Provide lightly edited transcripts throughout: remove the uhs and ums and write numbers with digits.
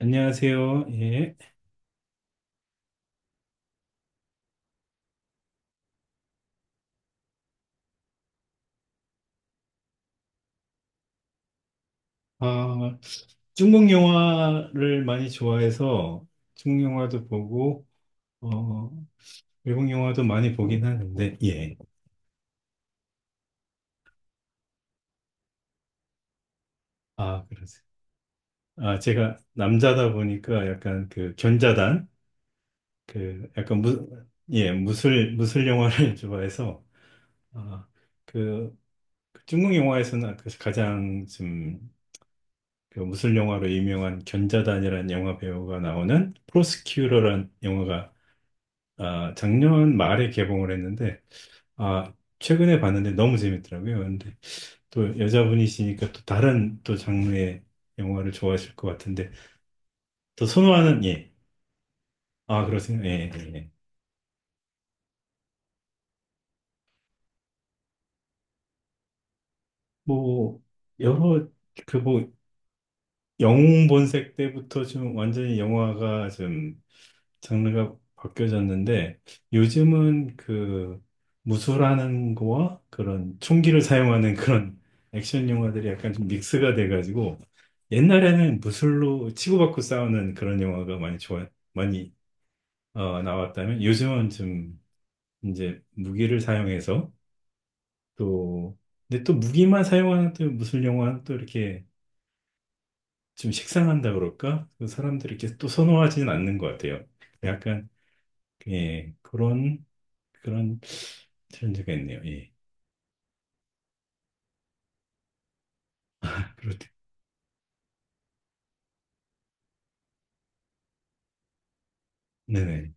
안녕하세요. 예. 아, 중국 영화를 많이 좋아해서 중국 영화도 보고, 어, 외국 영화도 많이 보긴 하는데, 예. 아, 그러세요. 아, 제가 남자다 보니까 약간 그 견자단, 그 약간 무술 영화를 좋아해서, 아, 그, 그 중국 영화에서는 그 가장 좀그 무술 영화로 유명한 견자단이라는 영화 배우가 나오는 프로스큐러라는 영화가 작년 말에 개봉을 했는데, 아, 최근에 봤는데 너무 재밌더라고요. 근데 또 여자분이시니까 또 다른 또 장르의 영화를 좋아하실 것 같은데, 또 선호하는, 예. 아, 그렇습니다. 예, 예. 예. 뭐, 여러, 그 뭐, 영웅 본색 때부터 좀 완전히 영화가 좀 장르가 바뀌어졌는데 요즘은 그 무술하는 거와 그런 총기를 사용하는 그런 액션 영화들이 약간 좀 믹스가 돼가지고 옛날에는 무술로 치고받고 싸우는 그런 영화가 많이 좋아 많이 나왔다면 요즘은 좀 이제 무기를 사용해서 또 근데 또 무기만 사용하는 또 무술 영화는 또 이렇게 좀 식상한다 그럴까? 그 사람들이 이렇게 또 선호하지는 않는 것 같아요. 약간 예, 그런 트렌드가 있네요. 예. 아, 그렇, 네네.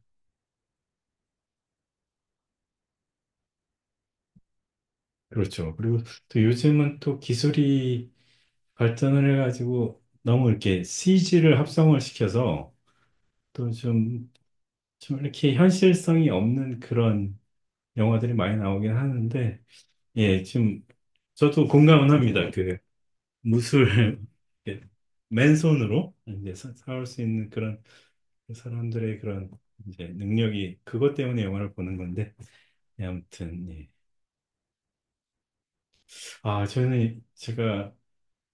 그렇죠. 그리고 또 요즘은 또 기술이 발전을 해가지고 너무 이렇게 CG를 합성을 시켜서 또 좀 이렇게 현실성이 없는 그런 영화들이 많이 나오긴 하는데, 예, 지금 저도 공감은 합니다. 그 무술, 이렇게 맨손으로 이제 사올 수 있는 그런 그 사람들의 그런 이제 능력이 그것 때문에 영화를 보는 건데 예, 아무튼 예. 아 저는 제가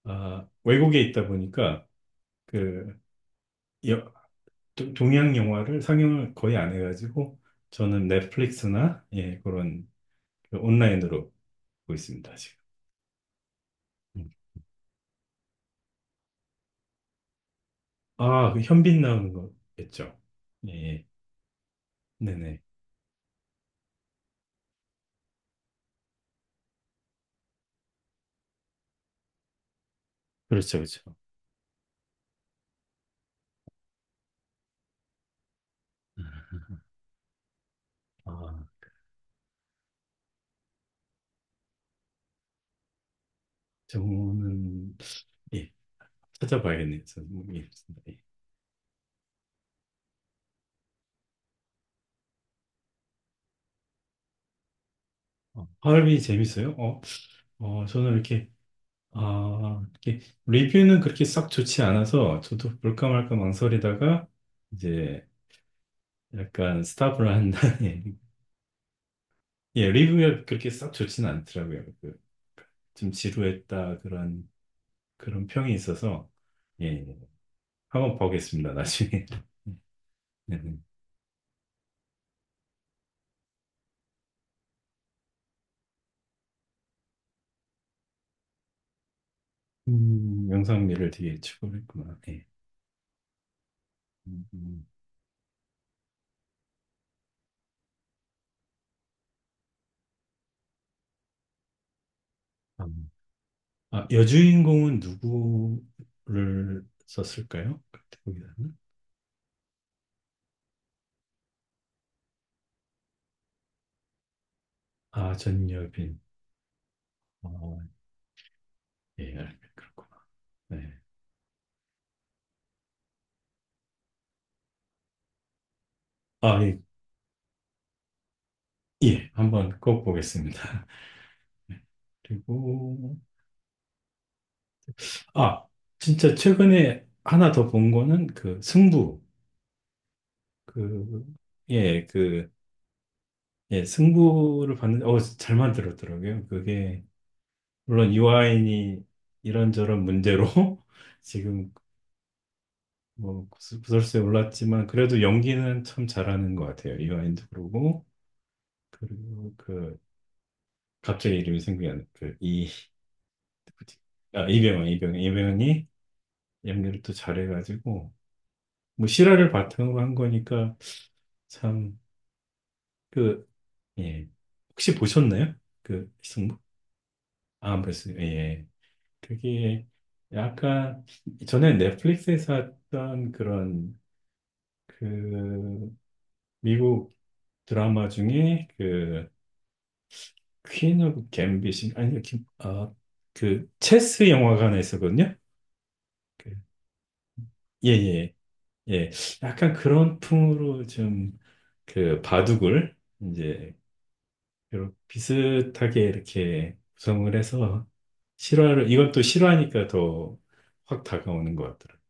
외국에 있다 보니까 그 여- 동양 영화를 상영을 거의 안 해가지고 저는 넷플릭스나 예, 그런 그 온라인으로 보고 있습니다 지금. 음. 그 현빈 나오는 거겠죠. 예, 예. 네네. 그렇죠, 그렇죠. 음. 아, 저는 예, 찾아봐야겠네요. 저는 모르겠습니다. 예. 하얼빈이 재밌어요? 저는 이렇게, 리뷰는 그렇게 썩 좋지 않아서, 저도 볼까 말까 망설이다가, 이제, 약간 스탑을 한 다음에, 예, 리뷰가 그렇게 썩 좋지는 않더라고요. 그, 좀 지루했다, 그런 평이 있어서, 예, 예. 한번 보겠습니다, 나중에. 네, 네. 영상미를 되게 추구했구나. 네. 음, 음. 음. 여주인공은 누구를 썼을까요? 그때 기는 전여빈. 어, 예, 그렇구나. 네. 예, 예, 한번 꼭 보겠습니다. 그리고, 아, 진짜 최근에 하나 더 본 거는 그 승부. 그, 예, 그, 예, 승부를 봤는데, 잘 만들었더라고요. 그게, 물론 이화인이 이런저런 문제로 지금 뭐 구설수에 올랐지만, 그래도 연기는 참 잘하는 것 같아요. 이화인도 그러고, 그리고 그, 갑자기 이름이 생각이 안, 나. 그, 그치? 이병헌이 연기를 또 잘해가지고 뭐 실화를 바탕으로 한 거니까 참 그 예. 혹시 보셨나요? 그 승부? 아, 안 봤어요. 예. 예. 그게 약간 전에 넷플릭스에서 했던 그런 그 미국 드라마 중에 그 퀸 오브 갬빗인 아니 아그 체스 영화관에 있었거든요. 그, 예, 예, 예. 약간 그런 풍으로 좀 그 바둑을 이제 이렇게 비슷하게 이렇게 구성을 해서 실화를 이건 또 실화니까 더 확 다가오는 것 같더라고요.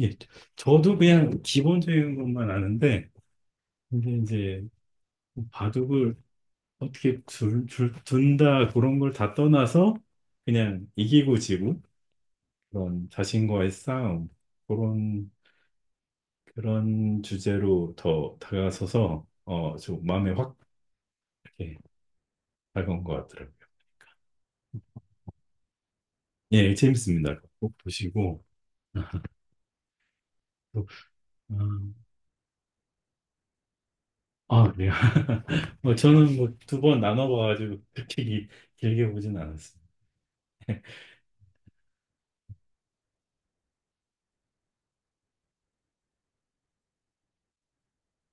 예, 저도 그냥 기본적인 것만 아는데 근데 이제 바둑을 어떻게 둔다 그런 걸 다 떠나서 그냥 이기고 지고 그런 자신과의 싸움 그런 주제로 더 다가서서 좀 마음에 확 이렇게 다가온 것 같더라고요. 예, 재밌습니다. 꼭 보시고. 아, 또, 음, 그래요. 뭐 저는 뭐 두 번 나눠봐가지고 그렇게 길게 보진 않았어요.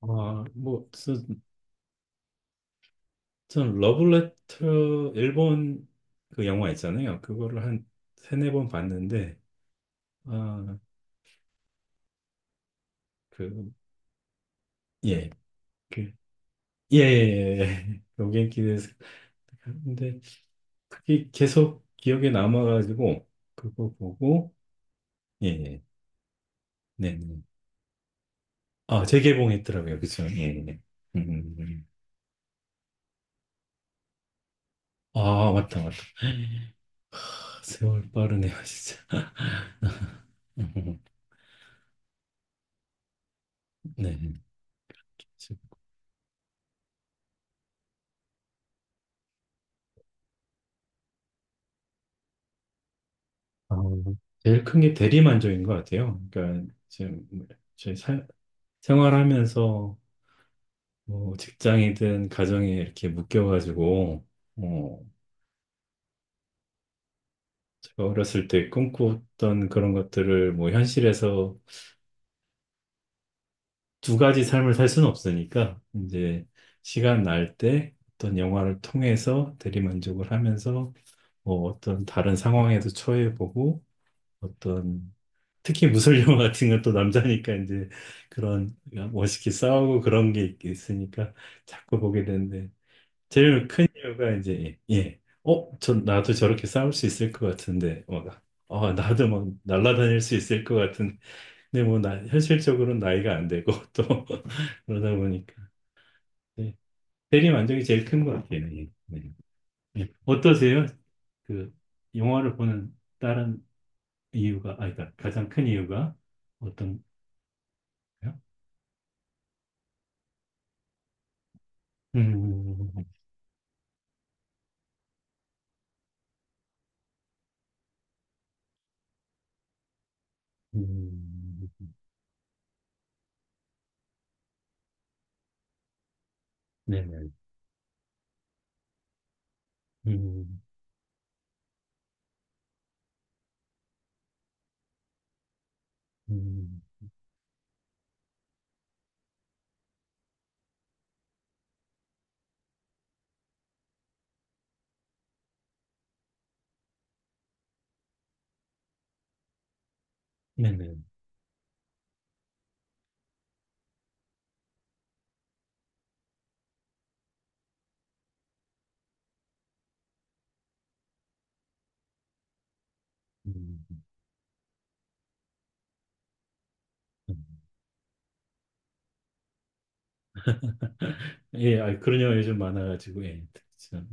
뭐, 전 러브레터 일본 그 영화 있잖아요. 그거를 한 세네 번 봤는데, 아, 그, 예, 그, 예, 예, 예. 로겐키에서 근데 그게 계속 기억에 남아가지고 그거 보고, 예, 예. 네, 네. 재개봉했더라고요, 그기서 예, 예. 음, 음, 음. 맞다, 맞다. 세월 빠르네요, 진짜. 음, 네. 아, 제일 큰 게 대리만족인 것 같아요. 그러니까 지금 저희 생활하면서 뭐 직장이든 가정에 이렇게 묶여가지고 어, 제가 어렸을 때 꿈꿨던 그런 것들을 뭐 현실에서 두 가지 삶을 살 수는 없으니까 이제 시간 날 때 어떤 영화를 통해서 대리만족을 하면서 뭐 어떤 다른 상황에도 처해보고 어떤 특히 무술 영화 같은 건 또 남자니까 이제 그런 멋있게 싸우고 그런 게 있으니까 자꾸 보게 되는데 제일 큰 이유가 이제 예, 나도 저렇게 싸울 수 있을 것 같은데 나도 막 날아다닐 수 있을 것 같은 근데 뭐 나 현실적으로는 나이가 안 되고 또 그러다 보니까 예, 대리 만족이 제일 큰 것 같아요. 예, 네. 예. 어떠세요? 그 영화를 보는 다른 이유가, 그러니까 가장 큰 이유가 어떤, 거요? 음, 음, 네네. 음, 음, 네네. 음, 음. 예, 그런 영화 요즘 많아가지고, 예, 참.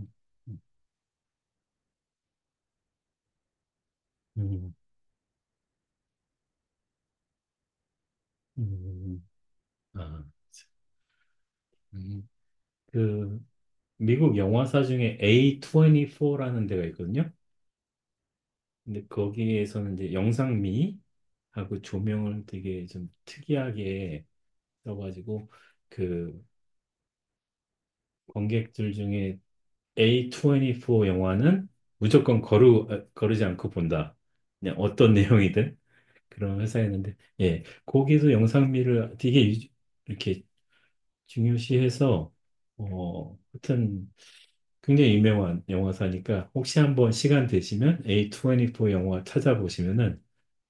음, 음, 아, 음. 그, 미국 영화사 중에 A24라는 데가 있거든요. 근데 거기에서는 이제 영상미하고 조명을 되게 좀 특이하게 써가지고, 그, 관객들 중에 A24 영화는 무조건 거르지 않고 본다. 그냥 어떤 내용이든 그런 회사였는데, 예, 거기도 영상미를 되게 이렇게 중요시해서, 하여튼 굉장히 유명한 영화사니까 혹시 한번 시간 되시면 A24 영화 찾아보시면은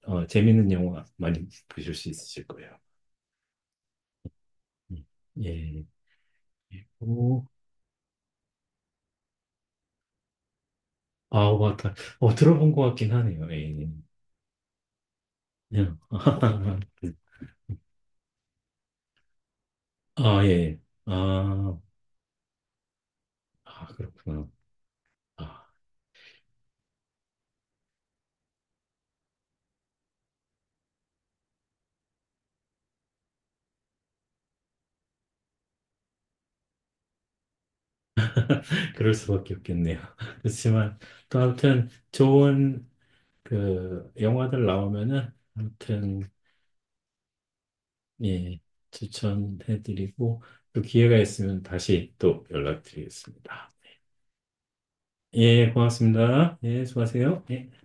재밌는 영화 많이 보실 수 있으실 거예요. 음, 예, 오, 맞다. 들어본 것 같긴 하네요, a 아, 예. 예. 아, 그렇구나. 아, 그럴 수밖에 없겠네요. 그렇지만, 또 아무튼 좋은 그 영화들 나오면은, 아무튼, 예, 추천해드리고, 또 기회가 있으면 다시 또 연락드리겠습니다. 예, 고맙습니다. 예, 수고하세요. 예.